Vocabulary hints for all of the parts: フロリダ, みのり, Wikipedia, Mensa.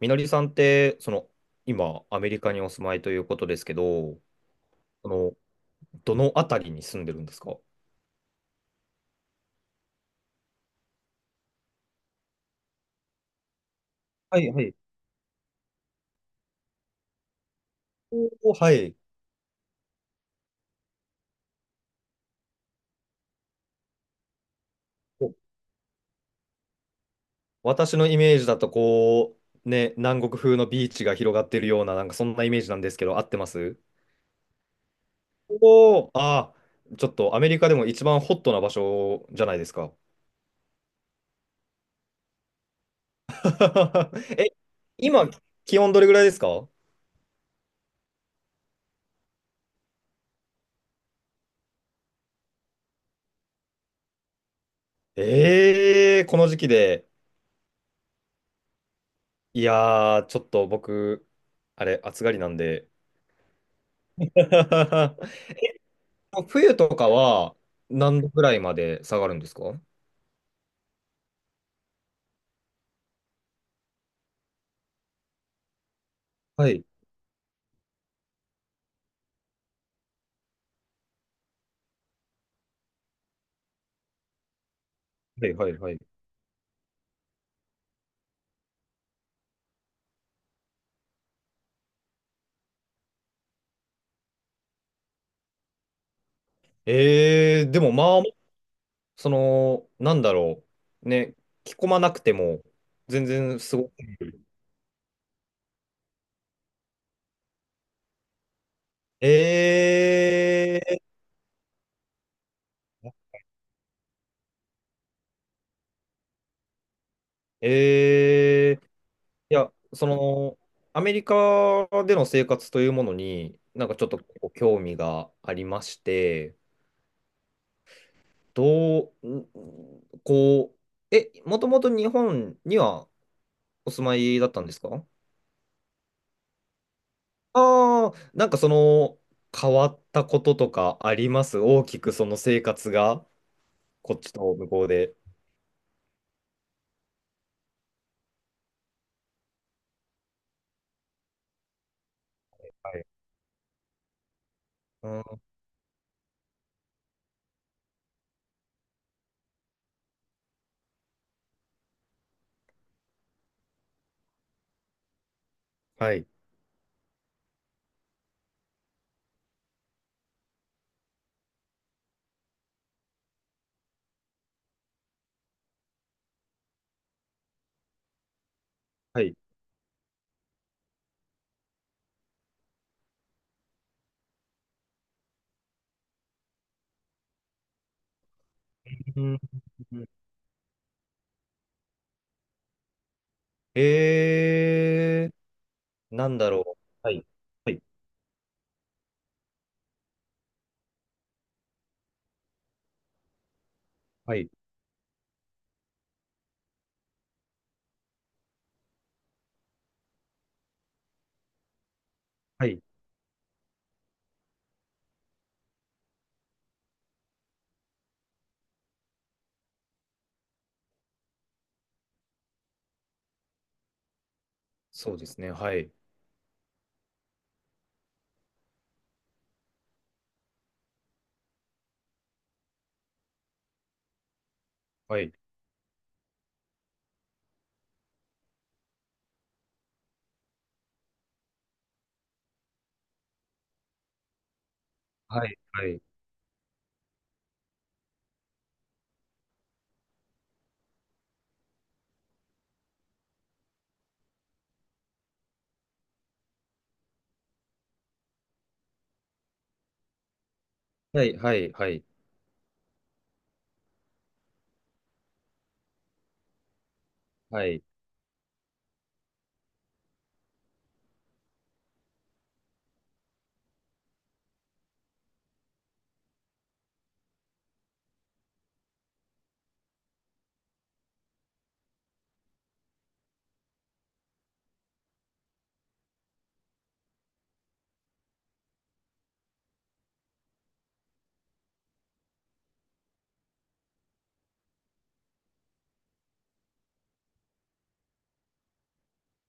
みのりさんって、今、アメリカにお住まいということですけど、その、どのあたりに住んでるんですか？はいはい。おーはい。お、私のイメージだと、ね、南国風のビーチが広がってるような、なんかそんなイメージなんですけど、合ってます？おおー、ああ、ちょっとアメリカでも一番ホットな場所じゃないですか。え、今、気温どれぐらいですか？ええー、この時期で。いやー、ちょっと僕、あれ、暑がりなんで、冬とかは何度ぐらいまで下がるんですか？はい。はいはいはい。えー、でもまあ、その、なんだろう。ね、着込まなくても全然すごく。えー、えー、いや、その、アメリカでの生活というものに、なんかちょっとこう興味がありまして、どう、ん、こう、え、もともと日本にはお住まいだったんですか？ああー、なんかその、変わったこととかあります？大きくその生活が、こっちと向こうで。はい。うん、はい。はい。うんうん、えー、なんだろう。はい。はい。はい。はい。そうですね。はい。はい。はい。はい。はい。はい。はい。はい。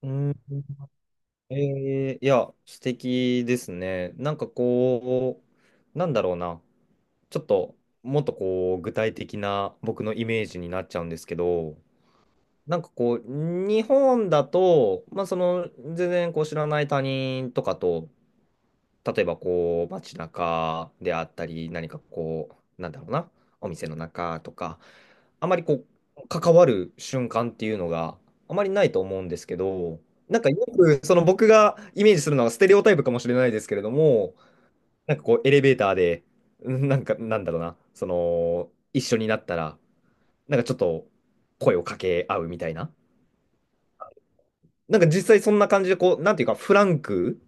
うん。えー、いや、素敵ですね。なんかこう、なんだろうな。ちょっともっとこう具体的な僕のイメージになっちゃうんですけど、なんかこう日本だと、まあその全然こう知らない他人とかと、例えばこう街中であったり、何かこう、なんだろうな、お店の中とか、あまりこう関わる瞬間っていうのがあまりないと思うんですけど、なんかよくその僕がイメージするのはステレオタイプかもしれないですけれども、なんかこう、エレベーターで、うんなんか、なんだろうな、その、一緒になったら、なんかちょっと声を掛け合うみたいな。なんか実際そんな感じで、こう、なんていうか、フランク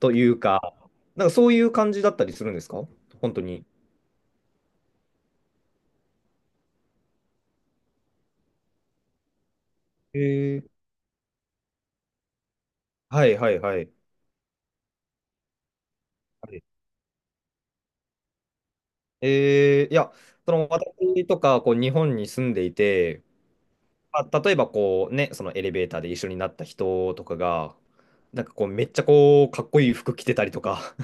というか、なんかそういう感じだったりするんですか、本当に？えー、はいはいはい。はい、えー、いや、その私とか、こう、日本に住んでいて、まあ、例えばこうね、そのエレベーターで一緒になった人とかが、なんかこう、めっちゃこう、かっこいい服着てたりとか、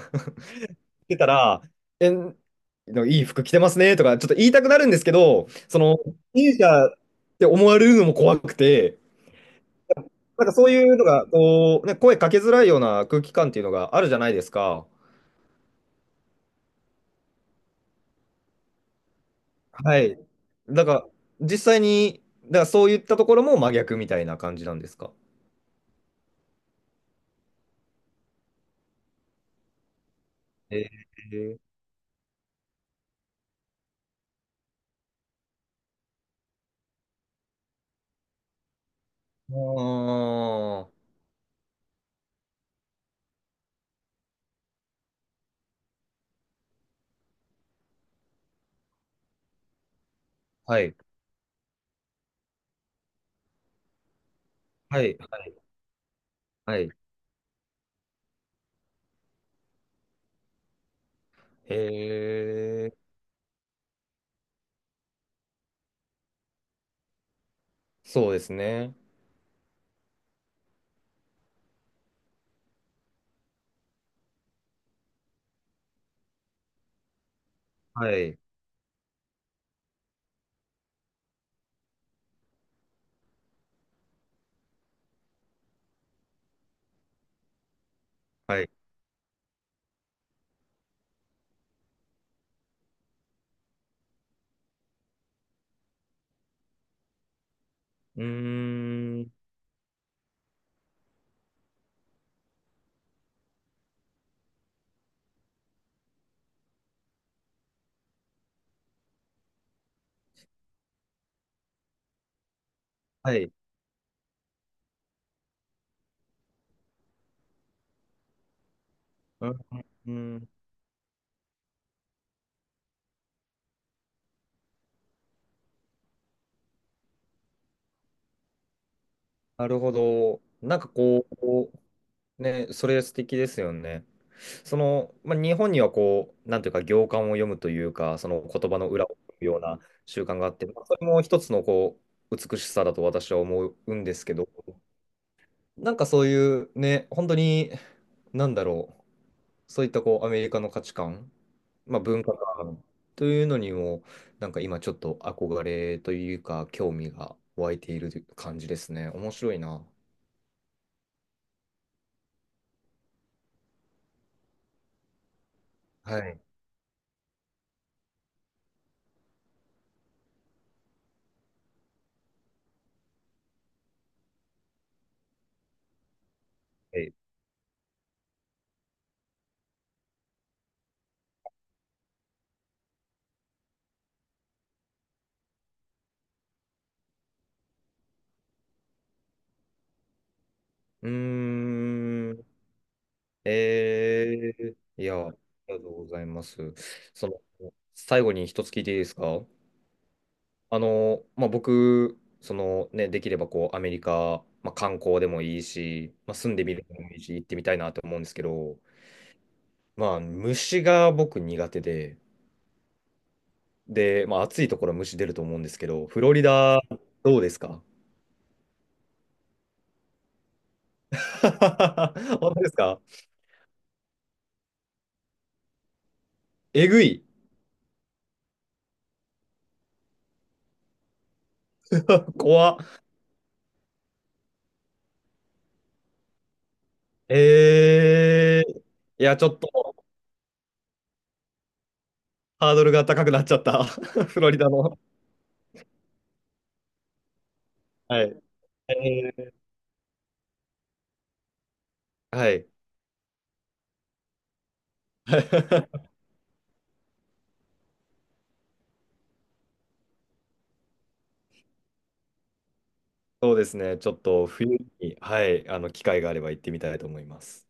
てたら、え、のいい服着てますねとか、ちょっと言いたくなるんですけど、その、ミュージシャンって思われるのも怖くて、なんかそういうのが、こう、ね、声かけづらいような空気感っていうのがあるじゃないですか。はい。だから、実際に、だからそういったところも真逆みたいな感じなんですか。えー、あー、はい、はい、はい、はい。へえ、そうですね。はい、はい。うーん、はい。うん、うん、なるほど。なんかこう、ね、それ素敵ですよね。その、まあ、日本にはこう、なんていうか、行間を読むというか、その言葉の裏を読むような習慣があって、まあ、それも一つのこう、美しさだと私は思うんですけど、なんかそういうね、本当に、なんだろう。そういったこうアメリカの価値観、まあ、文化観というのにも、なんか今ちょっと憧れというか、興味が湧いている感じですね。面白いな。はい。はい。うーん。えー、いや、ありがとうございます。その、最後に一つ聞いていいですか？あの、まあ、僕、そのね、できればこう、アメリカ、まあ、観光でもいいし、まあ、住んでみるのもいいし、行ってみたいなと思うんですけど、まあ、虫が僕苦手で、で、まあ、暑いところは虫出ると思うんですけど、フロリダ、どうですか？ 本当ですか？えぐい。怖っ。えー、いや、ちょっとハードルが高くなっちゃった。フロリダの。はい。えー、はい。そうですね。ちょっと冬に、はい、あの、機会があれば行ってみたいと思います。